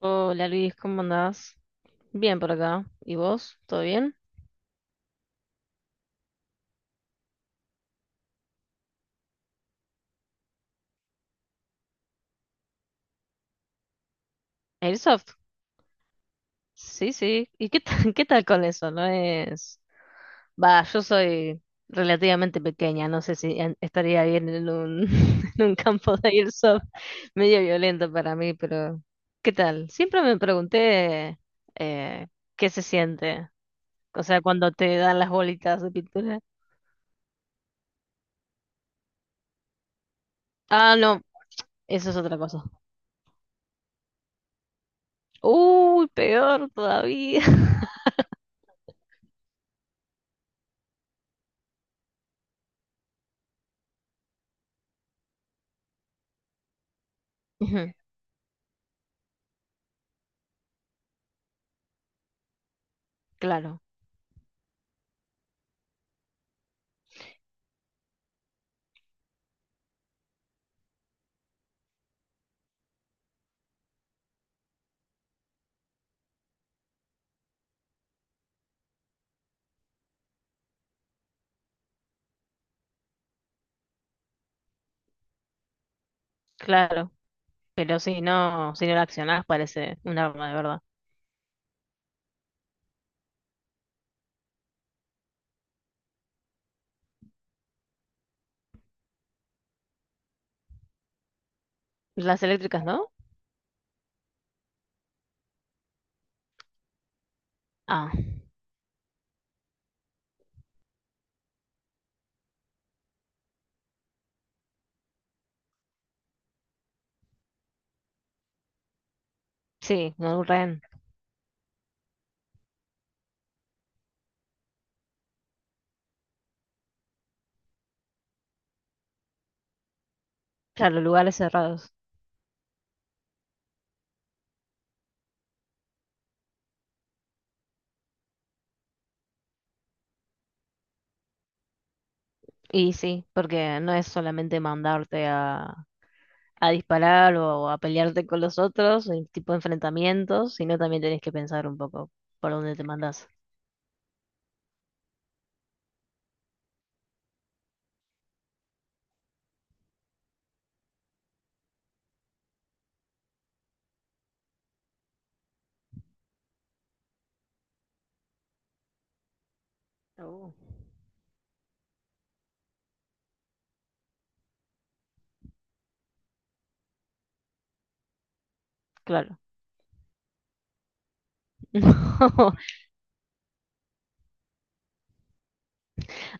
Hola Luis, ¿cómo andás? Bien por acá. ¿Y vos? ¿Todo bien? Airsoft. Sí, sí. ¿Y qué tal, qué tal con eso? No es. Va, yo soy relativamente pequeña, no sé si estaría bien en un, en un campo de Airsoft medio violento para mí, pero ¿qué tal? Siempre me pregunté eh, qué se siente, o sea, cuando te dan las bolitas de pintura. Ah, no, eso es otra cosa. Uy, peor todavía. Ujú, claro, claro. Pero si no la accionás parece un arma de verdad. Las eléctricas, ¿no? Ah, sí, no un rehén. Claro, lugares cerrados. Y sí, porque no es solamente mandarte a, disparar o a pelearte con los otros, el tipo de enfrentamientos, sino también tenés que pensar un poco por dónde te mandás. Oh. Claro.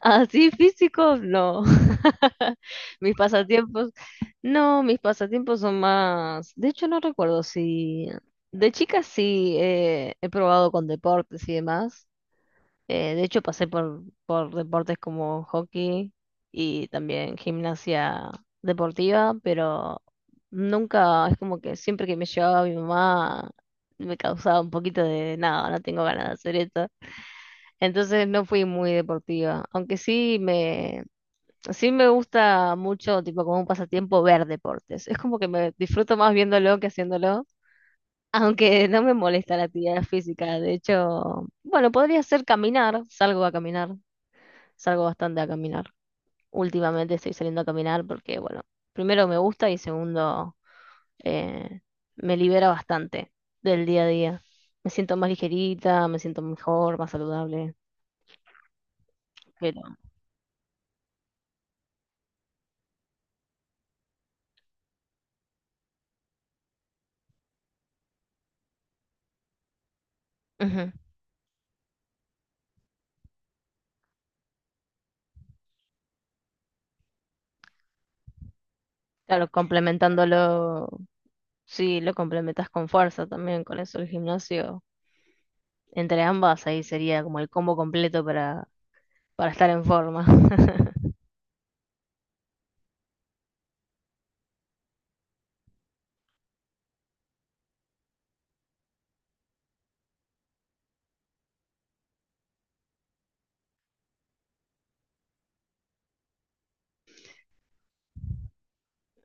Así físicos, no. Mis pasatiempos, no, mis pasatiempos son más. De hecho, no recuerdo si. De chica sí, he probado con deportes y demás. De hecho, pasé por deportes como hockey y también gimnasia deportiva, pero nunca, es como que siempre que me llevaba mi mamá me causaba un poquito de nada, no tengo ganas de hacer esto. Entonces no fui muy deportiva, aunque sí me gusta mucho, tipo, como un pasatiempo, ver deportes. Es como que me disfruto más viéndolo que haciéndolo, aunque no me molesta la actividad física. De hecho, bueno, podría ser caminar. Salgo a caminar, salgo bastante a caminar. Últimamente estoy saliendo a caminar porque, bueno, primero me gusta, y segundo, eh, me libera bastante del día a día. Me siento más ligerita, me siento mejor, más saludable. Pero, ujú, claro, complementándolo. Sí, lo complementas con fuerza también, con eso el gimnasio. Entre ambas ahí sería como el combo completo para estar en forma.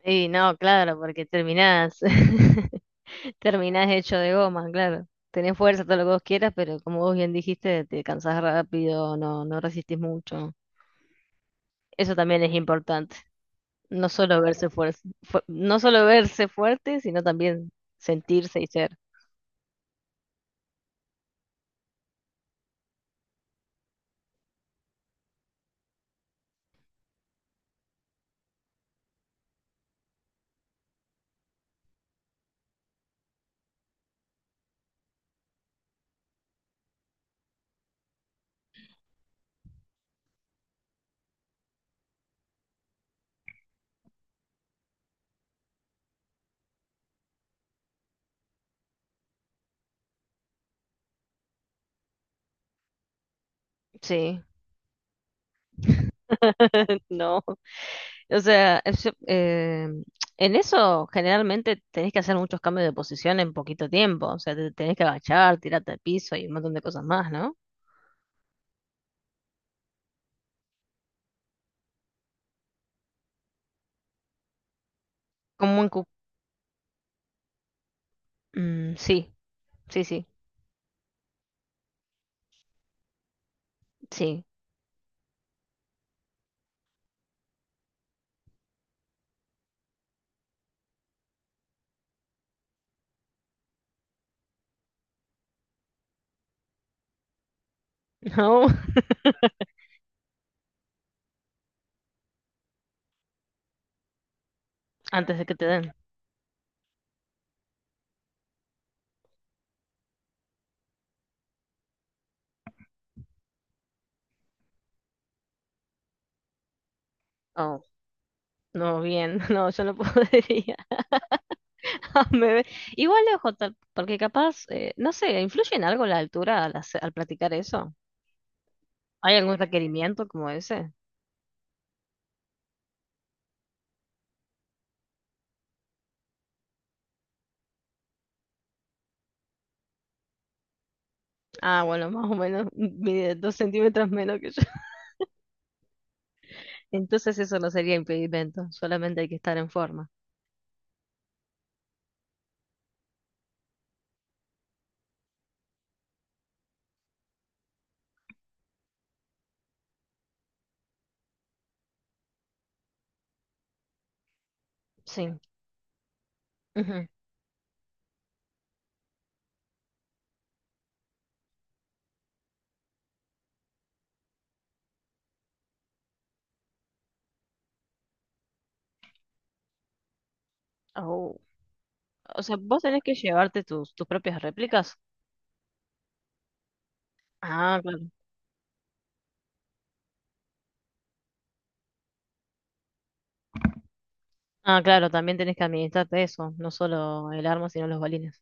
Y no, claro, porque terminás, terminás hecho de goma, claro. Tenés fuerza, todo lo que vos quieras, pero como vos bien dijiste, te cansás rápido, no resistís mucho. Eso también es importante. No solo verse fuerte, no solo verse fuerte, sino también sentirse y ser. Sí, no. O sea, en eso generalmente tenés que hacer muchos cambios de posición en poquito tiempo. O sea, te tenés que agachar, tirarte al piso y un montón de cosas más, ¿no? Como en sí, sí, sí, sí. No, antes de que te den. Oh, no, bien, no, yo no podría. Me ve- Igual, ojo, porque capaz, no sé, ¿influye en algo la altura al practicar eso? ¿Hay algún requerimiento como ese? Ah, bueno, más o menos mide 2 centímetros menos que yo. Entonces eso no sería impedimento, solamente hay que estar en forma. Sí. Ujú. Au. O sea, vos tenés que llevarte tus propias réplicas. Ah, claro. Ah, claro, también tenés que administrarte eso, no solo el arma, sino los balines.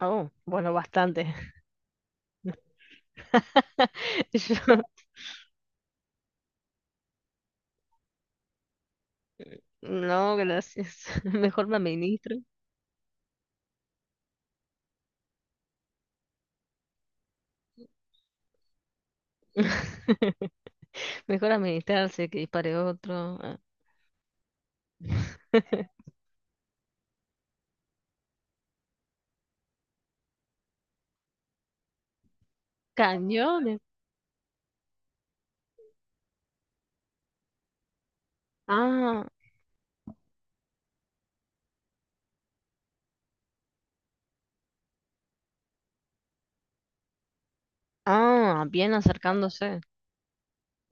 Oh, bueno, bastante. Yo, no, gracias. Mejor me administro. Mejor administrarse que dispare otro. Ah. Cañones. Ah, ah, bien, acercándose.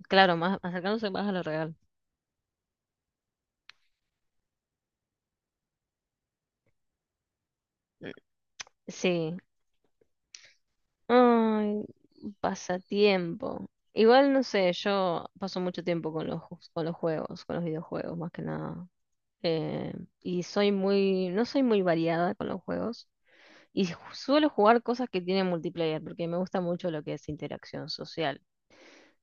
Claro, más, acercándose más a lo real. Sí. Ay, pasatiempo. Igual no sé, yo paso mucho tiempo con los, con los juegos, con los videojuegos más que nada. Eh, y soy muy, no soy muy variada con los juegos. Y suelo jugar cosas que tienen multiplayer, porque me gusta mucho lo que es interacción social.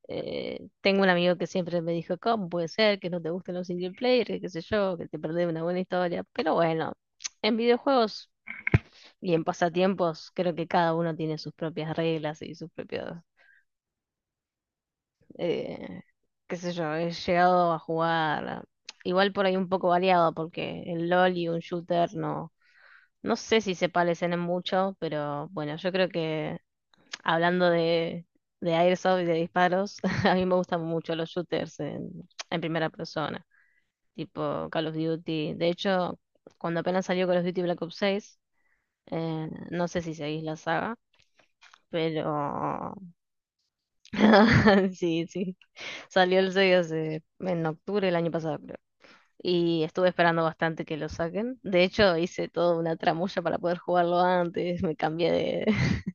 Tengo un amigo que siempre me dijo, ¿cómo puede ser que no te gusten los single player, que qué sé yo, que te perdés una buena historia? Pero bueno, en videojuegos. Y en pasatiempos creo que cada uno tiene sus propias reglas y sus propios, eh, qué sé yo, he llegado a jugar igual por ahí un poco variado, porque el LOL y un shooter no, no sé si se parecen en mucho, pero bueno, yo creo que, hablando de, Airsoft y de disparos, a mí me gustan mucho los shooters en primera persona, tipo Call of Duty. De hecho, cuando apenas salió Call of Duty Black Ops 6, no sé si seguís la saga, pero sí, sí. Salió el 6 hace, en octubre del año pasado, creo. Y estuve esperando bastante que lo saquen. De hecho, hice toda una tramulla para poder jugarlo antes. Me cambié de,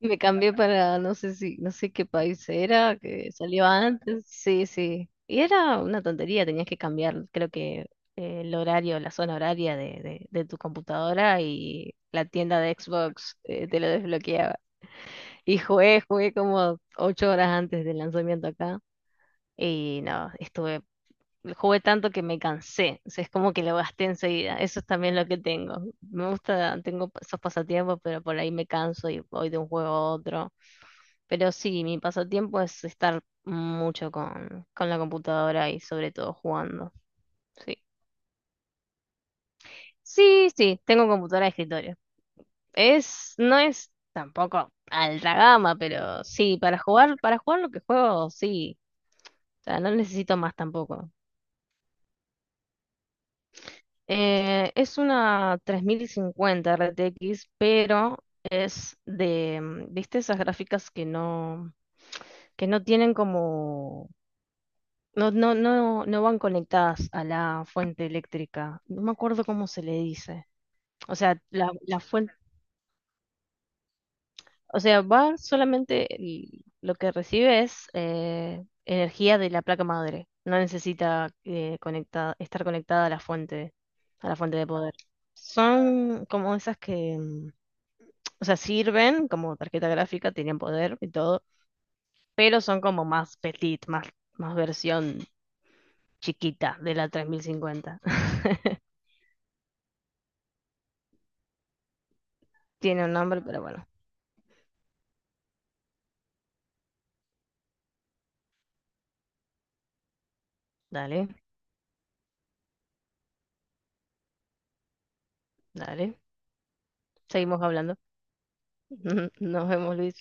me cambié para, no sé si, no sé qué país era, que salió antes. Sí, sí. Y era una tontería, tenías que cambiar, creo que, el horario, la zona horaria de, de tu computadora, y la tienda de Xbox te lo desbloqueaba. Y jugué como 8 horas antes del lanzamiento acá. Y no, estuve, jugué tanto que me cansé. O sea, es como que lo gasté enseguida. Eso es también lo que tengo. Me gusta, tengo esos pasatiempos, pero por ahí me canso y voy de un juego a otro. Pero sí, mi pasatiempo es estar mucho con, la computadora, y sobre todo jugando. Sí. Sí, sí, tengo computadora de escritorio. Es, no es tampoco alta gama, pero sí, para jugar lo que juego, sí. O sea, no necesito más tampoco. Es una 3050 RTX, pero es de, ¿viste esas gráficas que no, tienen como, no van conectadas a la fuente eléctrica? No me acuerdo cómo se le dice. O sea, la fuente, o sea, va solamente, lo que recibe es energía de la placa madre. No necesita estar conectada a la fuente de poder. Son como esas que, o sea, sirven como tarjeta gráfica, tienen poder y todo, pero son como más petit, más versión chiquita de la 3050. Tiene un nombre, pero bueno, dale, dale. Seguimos hablando. Nos vemos, Luis.